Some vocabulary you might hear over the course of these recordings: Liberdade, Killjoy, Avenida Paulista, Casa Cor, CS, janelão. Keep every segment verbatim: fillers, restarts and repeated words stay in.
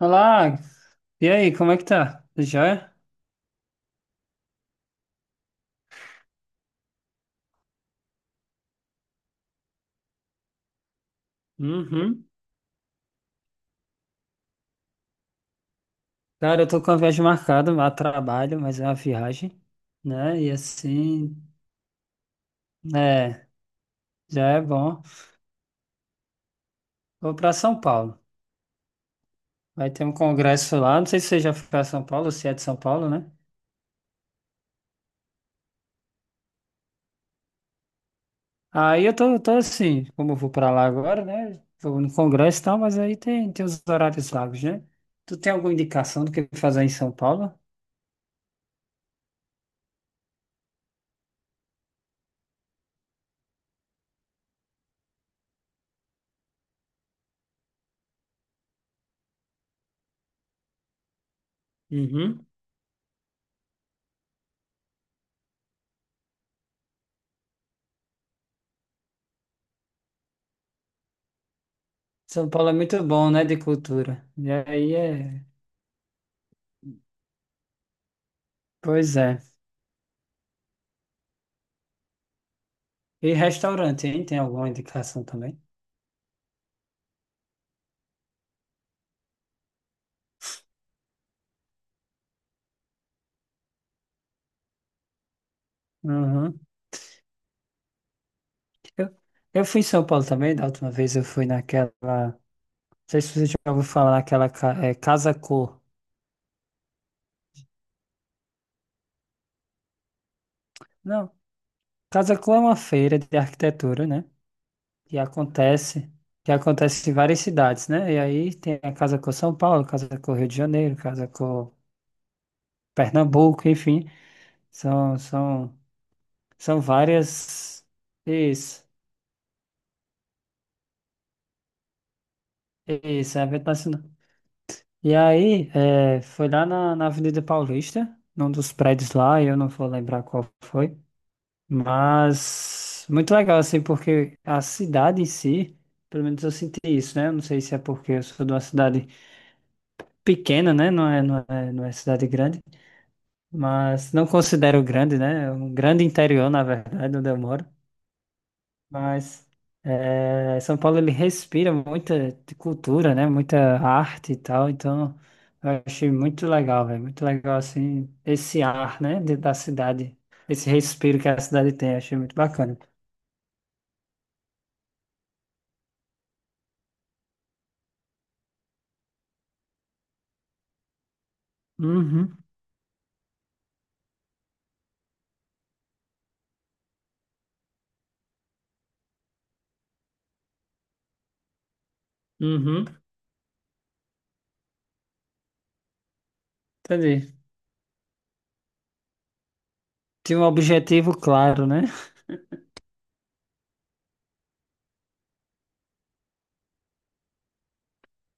Olá, e aí, como é que tá? Tudo jóia? Uhum. Cara, eu tô com a viagem marcada, a trabalho, mas é uma viagem, né? E assim, é, já é bom. Vou pra São Paulo. Vai ter um congresso lá, não sei se você já foi pra São Paulo, se é de São Paulo, né? Aí eu tô, tô assim, como eu vou pra lá agora, né? Vou no congresso e tal, mas aí tem, tem os horários vagos, né? Tu tem alguma indicação do que fazer em São Paulo? Uhum. São Paulo é muito bom, né, de cultura. E aí é... Pois é. E restaurante, hein? Tem alguma indicação também? Uhum. Eu, eu fui em São Paulo também, da última vez eu fui naquela. Não sei se você já ouviu falar naquela ca- é, Casa Cor. Não, Casa Cor é uma feira de arquitetura, né? Que acontece, que acontece em várias cidades, né? E aí tem a Casa Cor São Paulo, Casa Cor Rio de Janeiro, Casa Cor Pernambuco, enfim. São, são, são várias. Isso, isso, é evento nacional. E aí, é, foi lá na, na Avenida Paulista, num dos prédios lá, eu não vou lembrar qual foi, mas muito legal, assim, porque a cidade em si, pelo menos eu senti isso, né? Eu não sei se é porque eu sou de uma cidade pequena, né? Não é, não é, não é cidade grande, mas não considero grande, né? É um grande interior, na verdade, onde eu moro. Mas é, São Paulo ele respira muita cultura, né? Muita arte e tal. Então eu achei muito legal, velho. Muito legal assim esse ar, né? de- da cidade, esse respiro que a cidade tem. Achei muito bacana. Uhum, uhum, entendi. Tinha um objetivo claro, né?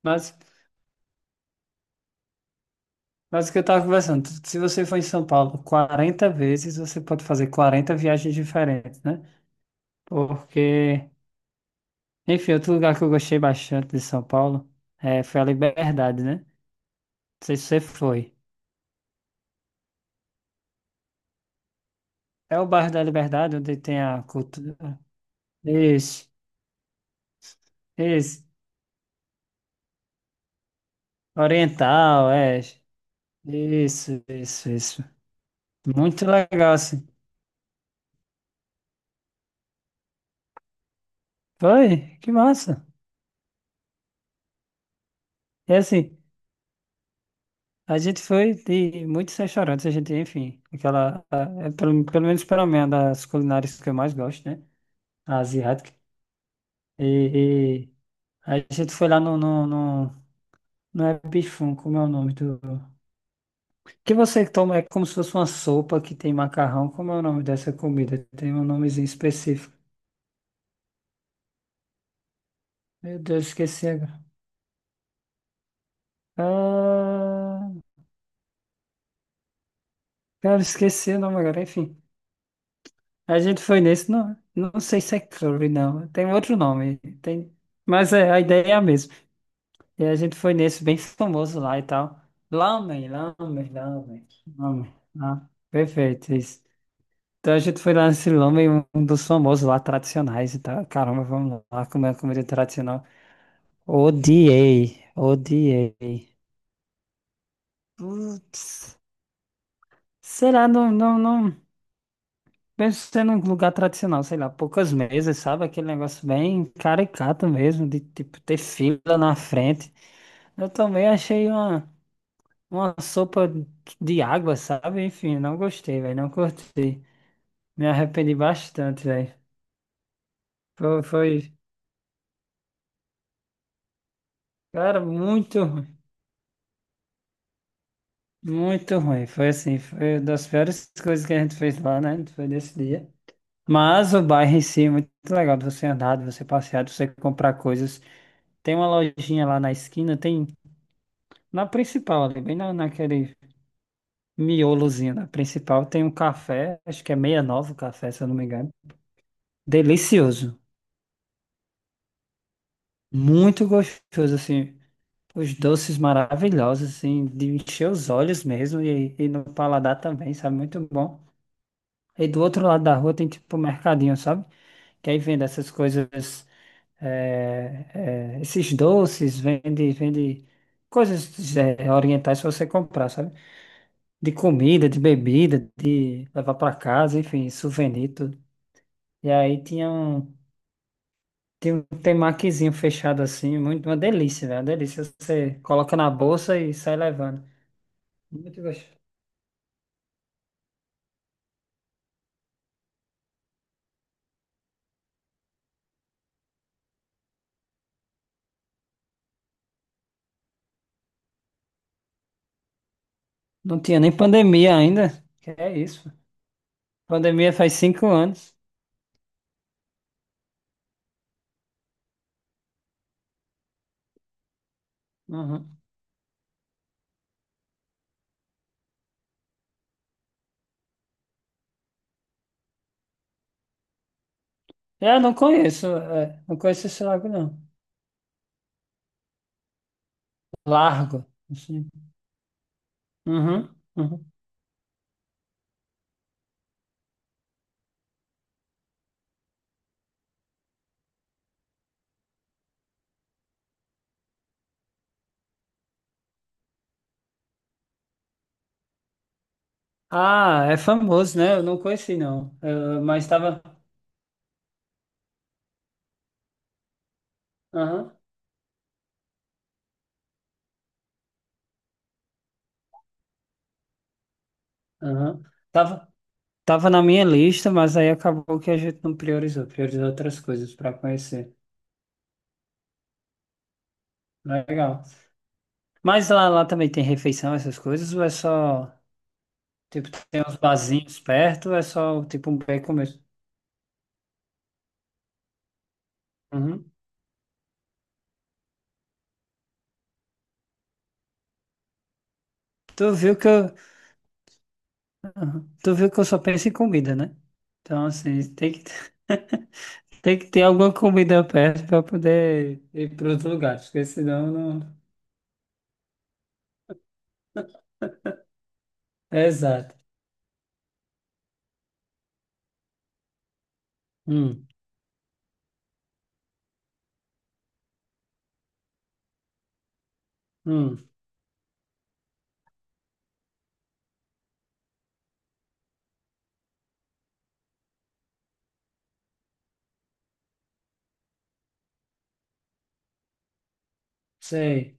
Mas, mas o que eu tava conversando, se você for em São Paulo quarenta vezes, você pode fazer quarenta viagens diferentes, né? Porque enfim, outro lugar que eu gostei bastante de São Paulo é, foi a Liberdade, né? Não sei se você foi. É o bairro da Liberdade, onde tem a cultura. Isso, isso. Oriental, é. Isso, isso, isso. Muito legal, assim. Foi, que massa. E assim, a gente foi de muitos restaurantes, a gente, enfim, aquela. a- é, pelo, pelo menos pela minha, das culinárias que eu mais gosto, né? A asiática. E, e a gente foi lá no não é bifum, como é o nome do. Que você toma é como se fosse uma sopa que tem macarrão. Como é o nome dessa comida? Tem um nomezinho específico. Meu Deus, esqueci agora. Ah, cara, esqueci o nome agora. Enfim, a gente foi nesse. Não, não sei se é curry, não. Tem outro nome. Tem... Mas é, a ideia é a mesma. E a gente foi nesse bem famoso lá e tal. Lamen, lamen, lamen. Lamen. Ah, perfeito, isso. Então a gente foi lá no nesse lamen, um um dos famosos lá, tradicionais e tal. Caramba, vamos lá comer uma comida tradicional. Odiei, odiei. Putz, sei lá, não, não, não. Mesmo sendo um lugar tradicional, sei lá, poucas mesas, sabe? Aquele negócio bem caricato mesmo, de tipo ter fila na frente. Eu também achei uma, uma sopa de água, sabe? Enfim, não gostei, velho, não curti. Me arrependi bastante, velho. Foi, foi, cara, muito. Muito ruim, foi assim, foi uma das piores coisas que a gente fez lá, né? Foi nesse dia. Mas o bairro em si é muito legal de você andar, de você passear, de você comprar coisas. Tem uma lojinha lá na esquina, tem na principal ali, bem na, naquele miolozinho na principal, tem um café, acho que é sessenta e nove o café, se eu não me engano. Delicioso, muito gostoso, assim. Os doces maravilhosos, assim, de encher os olhos mesmo e, e no paladar também, sabe? Muito bom. E do outro lado da rua tem tipo um mercadinho, sabe? Que aí vende essas coisas, é, é, esses doces, vende, vende coisas, é, orientais para você comprar, sabe? De comida, de bebida, de levar para casa, enfim, souvenir, tudo. E aí tinha um, tinha um temakizinho fechado assim, muito, uma delícia, velho, uma delícia. Você coloca na bolsa e sai levando. Muito gostoso. Não tinha nem pandemia ainda, que é isso. Pandemia faz cinco anos. Uhum. Eu não conheço, é, não conheço esse lago, não. Largo. Assim. Uhum, uhum. Ah, é famoso, né? Eu não conheci, não. Eu- mas estava. Aham, aham. Tava, tava na minha lista, mas aí acabou que a gente não priorizou. Priorizou outras coisas para conhecer. Legal. Mas lá, lá também tem refeição, essas coisas? Ou é só. Tipo, tem uns barzinhos perto? Ou é só, tipo, um beco mesmo? Uhum. Tu viu que eu, uhum. Tu viu que eu só penso em comida, né? Então, assim, tem que tem que ter alguma comida perto para poder ir para outro lugar, porque senão não. É exato. Hum, hum, sei.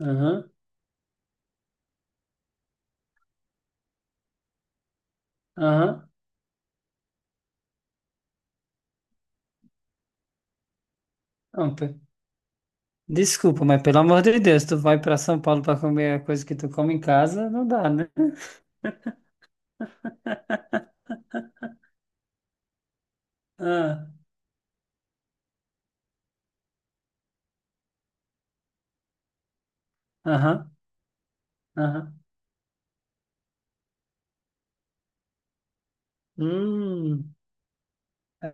Aham, aham. Não, pe- desculpa, mas pelo amor de Deus, tu vai para São Paulo para comer a coisa que tu come em casa, não dá, né? Ah, aham, aham. Hum,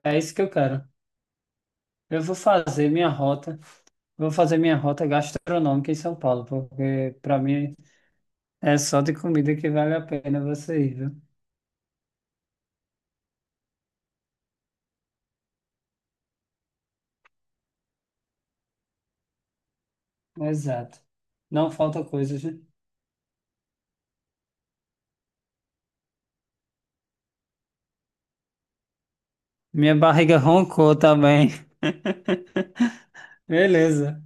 é isso que eu quero. Eu vou fazer minha rota, vou fazer minha rota gastronômica em São Paulo, porque para mim é só de comida que vale a pena você ir, viu? Exato. Não falta coisas, né? Minha barriga roncou também. Beleza.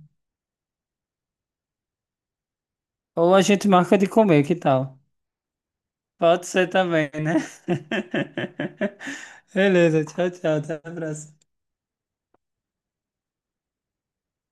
Ou a gente marca de comer, que tal? Pode ser também, né? Beleza, tchau, tchau. Até a próxima.